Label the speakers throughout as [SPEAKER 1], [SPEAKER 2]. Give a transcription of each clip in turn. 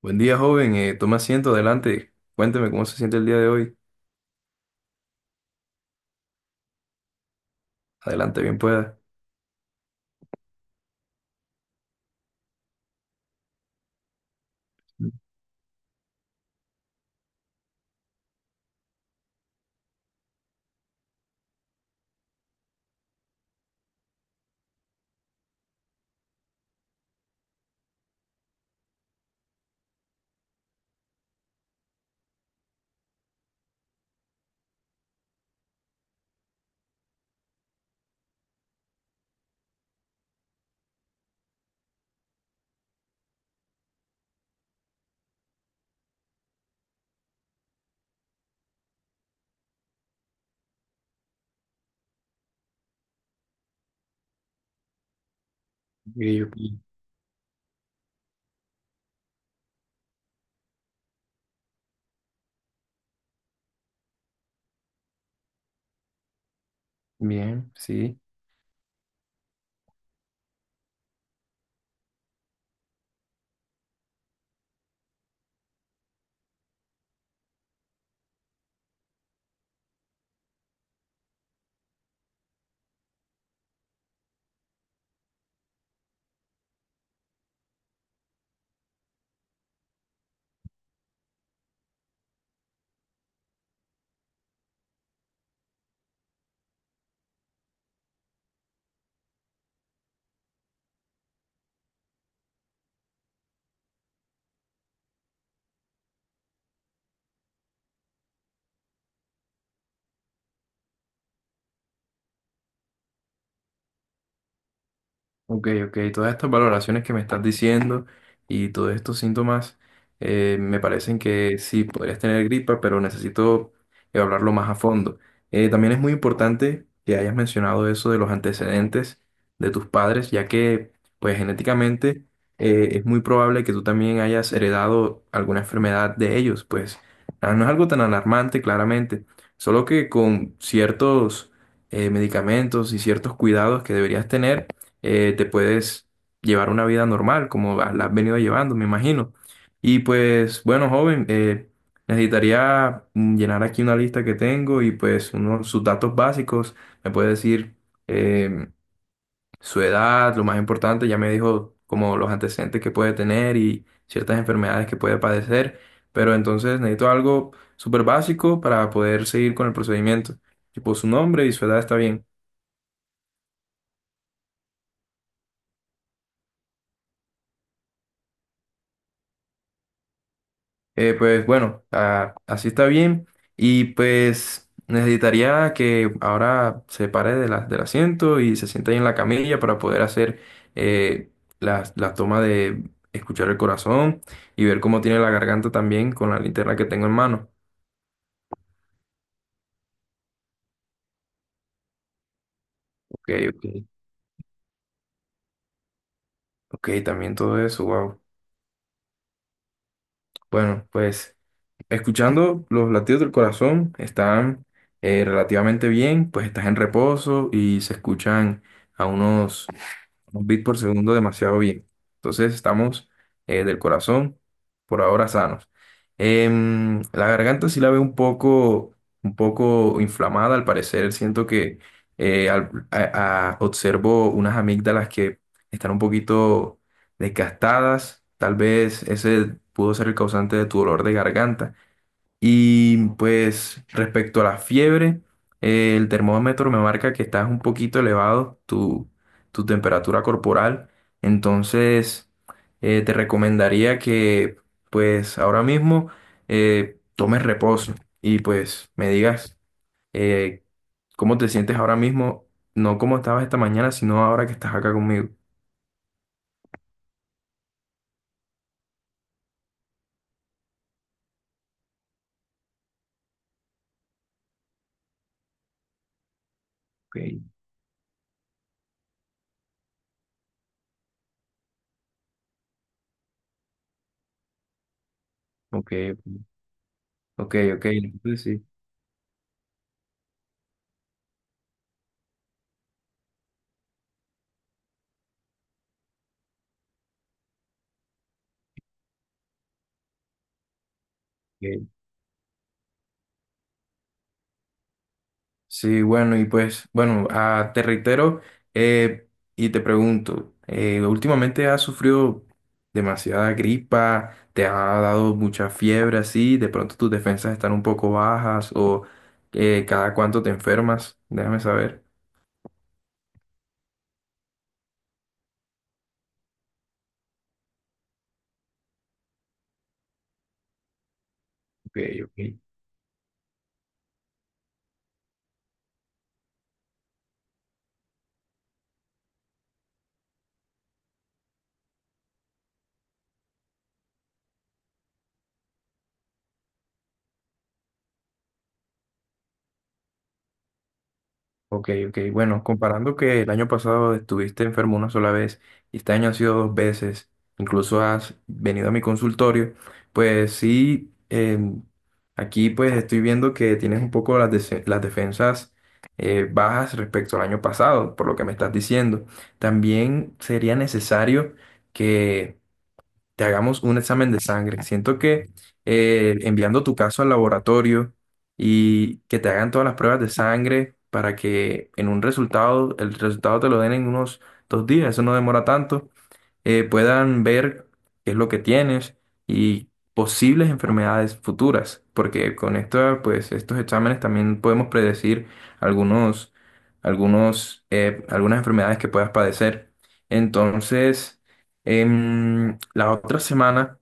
[SPEAKER 1] Buen día, joven. Tome asiento, adelante. Cuénteme cómo se siente el día de hoy. Adelante, bien pueda. Y yo, Bien, sí. Ok, ok, todas estas valoraciones que me estás diciendo y todos estos síntomas me parecen que sí, podrías tener gripa, pero necesito evaluarlo más a fondo. También es muy importante que hayas mencionado eso de los antecedentes de tus padres, ya que pues genéticamente es muy probable que tú también hayas heredado alguna enfermedad de ellos. Pues no es algo tan alarmante claramente, solo que con ciertos medicamentos y ciertos cuidados que deberías tener, te puedes llevar una vida normal, como la has venido llevando, me imagino. Y pues, bueno, joven, necesitaría llenar aquí una lista que tengo y pues uno, sus datos básicos. Me puede decir eh, su edad, lo más importante. Ya me dijo como los antecedentes que puede tener y ciertas enfermedades que puede padecer, pero entonces necesito algo súper básico para poder seguir con el procedimiento. Tipo, su nombre y su edad está bien. Pues bueno, así está bien. Y pues necesitaría que ahora se pare de del asiento y se siente ahí en la camilla para poder hacer eh, toma de escuchar el corazón y ver cómo tiene la garganta también con la linterna que tengo en mano. Ok, ok, ok, también todo eso, wow. Bueno, pues escuchando los latidos del corazón están relativamente bien. Pues estás en reposo y se escuchan a unos un bit por segundo demasiado bien. Entonces estamos del corazón por ahora sanos. La garganta sí la veo un poco inflamada, al parecer. Siento que observo unas amígdalas que están un poquito desgastadas. Tal vez ese pudo ser el causante de tu dolor de garganta. Y pues respecto a la fiebre, el termómetro me marca que estás un poquito elevado tu temperatura corporal. Entonces, te recomendaría que pues ahora mismo tomes reposo y pues me digas eh, cómo te sientes ahora mismo, no cómo estabas esta mañana, sino ahora que estás acá conmigo. Ok, ok, ok, ok, entonces sí. Sí, bueno, y pues, bueno, te reitero eh, y te pregunto, últimamente has sufrido demasiada gripa, te ha dado mucha fiebre así, de pronto tus defensas están un poco bajas o cada cuánto te enfermas, déjame saber. Ok, ok. Ok, ok. Bueno, comparando que el año pasado estuviste enfermo 1 sola vez y este año ha sido 2 veces, incluso has venido a mi consultorio, pues sí, aquí pues estoy viendo que tienes un poco las defensas bajas respecto al año pasado, por lo que me estás diciendo. También sería necesario que te hagamos un examen de sangre. Siento que enviando tu caso al laboratorio y que te hagan todas las pruebas de sangre para que en un resultado, el resultado te lo den en unos 2 días, eso no demora tanto. Puedan ver qué es lo que tienes y posibles enfermedades futuras, porque con esto, pues, estos exámenes también podemos predecir algunos, algunos, algunas enfermedades que puedas padecer. Entonces, la otra semana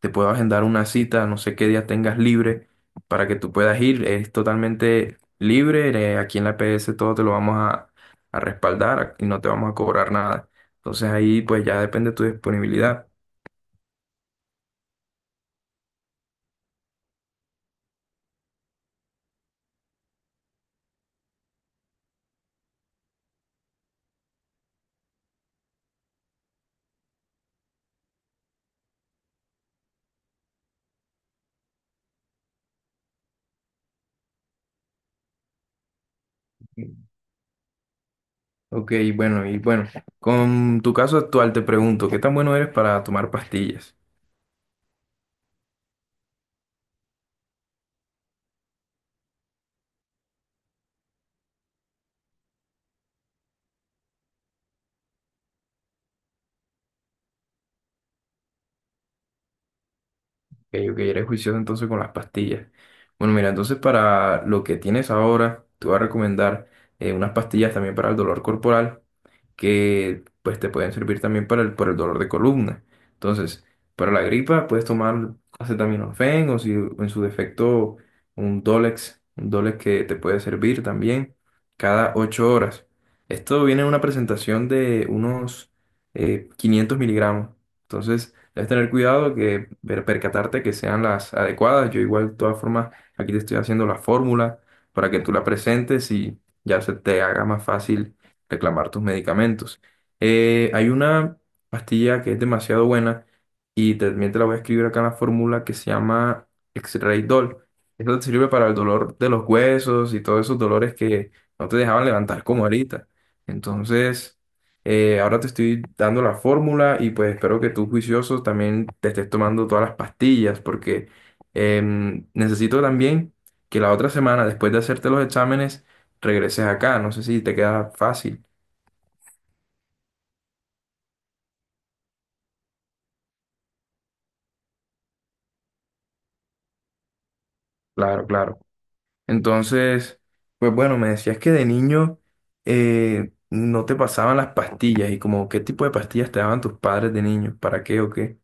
[SPEAKER 1] te puedo agendar una cita, no sé qué día tengas libre, para que tú puedas ir. Es totalmente libre, aquí en la PS todo te lo vamos a respaldar y no te vamos a cobrar nada. Entonces ahí pues ya depende de tu disponibilidad. Ok, bueno, y bueno, con tu caso actual te pregunto, ¿qué tan bueno eres para tomar pastillas? Ok, ok, eres juicioso entonces con las pastillas. Bueno, mira, entonces para lo que tienes ahora, te voy a recomendar unas pastillas también para el dolor corporal, que pues te pueden servir también para para el dolor de columna. Entonces, para la gripa puedes tomar acetaminofén o si en su defecto un Dolex que te puede servir también cada 8 horas. Esto viene en una presentación de unos 500 miligramos. Entonces, debes tener cuidado que percatarte que sean las adecuadas. Yo igual, de todas formas, aquí te estoy haciendo la fórmula para que tú la presentes y ya se te haga más fácil reclamar tus medicamentos. Hay una pastilla que es demasiado buena y también te la voy a escribir acá en la fórmula, que se llama X-Ray Doll. Esto te sirve para el dolor de los huesos y todos esos dolores que no te dejaban levantar como ahorita. Entonces, ahora te estoy dando la fórmula y pues espero que tú juicioso también te estés tomando todas las pastillas, porque necesito también que la otra semana, después de hacerte los exámenes, regreses acá. No sé si te queda fácil. Claro, claro. Entonces, pues bueno, me decías que de niño no te pasaban las pastillas. ¿Y como qué tipo de pastillas te daban tus padres de niño, para qué o qué?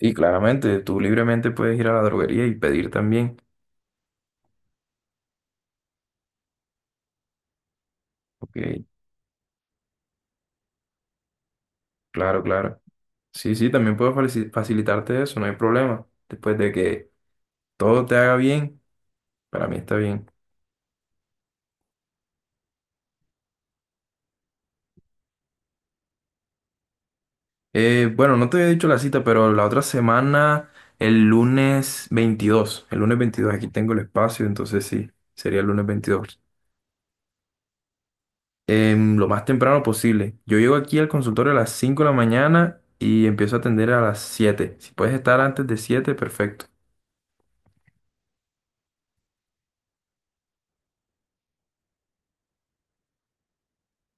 [SPEAKER 1] Y claramente, tú libremente puedes ir a la droguería y pedir también. Ok, claro, claro. Sí, sí, también puedo facilitarte eso, no hay problema. Después de que todo te haga bien, para mí está bien. Bueno, no te había dicho la cita, pero la otra semana, el lunes 22, el lunes 22 aquí tengo el espacio, entonces sí, sería el lunes 22. Lo más temprano posible. Yo llego aquí al consultorio a las 5 de la mañana y empiezo a atender a las siete. Si puedes estar antes de 7, perfecto.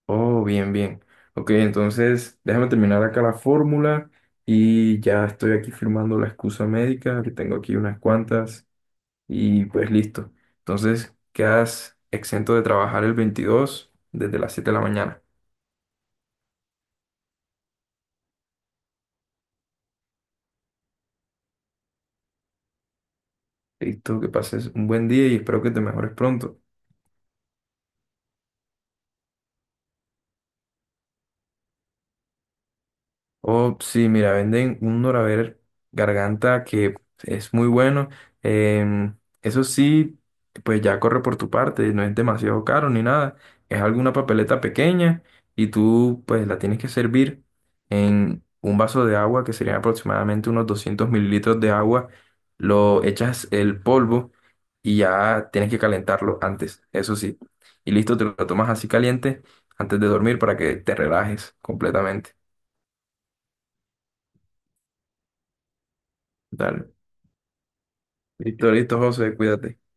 [SPEAKER 1] Oh, bien, bien. Ok, entonces déjame terminar acá la fórmula y ya estoy aquí firmando la excusa médica, que tengo aquí unas cuantas. Y pues listo. Entonces quedas exento de trabajar el 22 desde las 7 de la mañana. Listo, que pases un buen día y espero que te mejores pronto. Oh, sí, mira, venden un Doraver garganta que es muy bueno. Em, Eso sí, pues ya corre por tu parte, no es demasiado caro ni nada. Es alguna papeleta pequeña y tú pues la tienes que servir en un vaso de agua, que serían aproximadamente unos 200 mililitros de agua. Lo echas el polvo y ya tienes que calentarlo antes, eso sí. Y listo, te lo tomas así caliente antes de dormir para que te relajes completamente. Dale. Listo, listo, José, cuídate.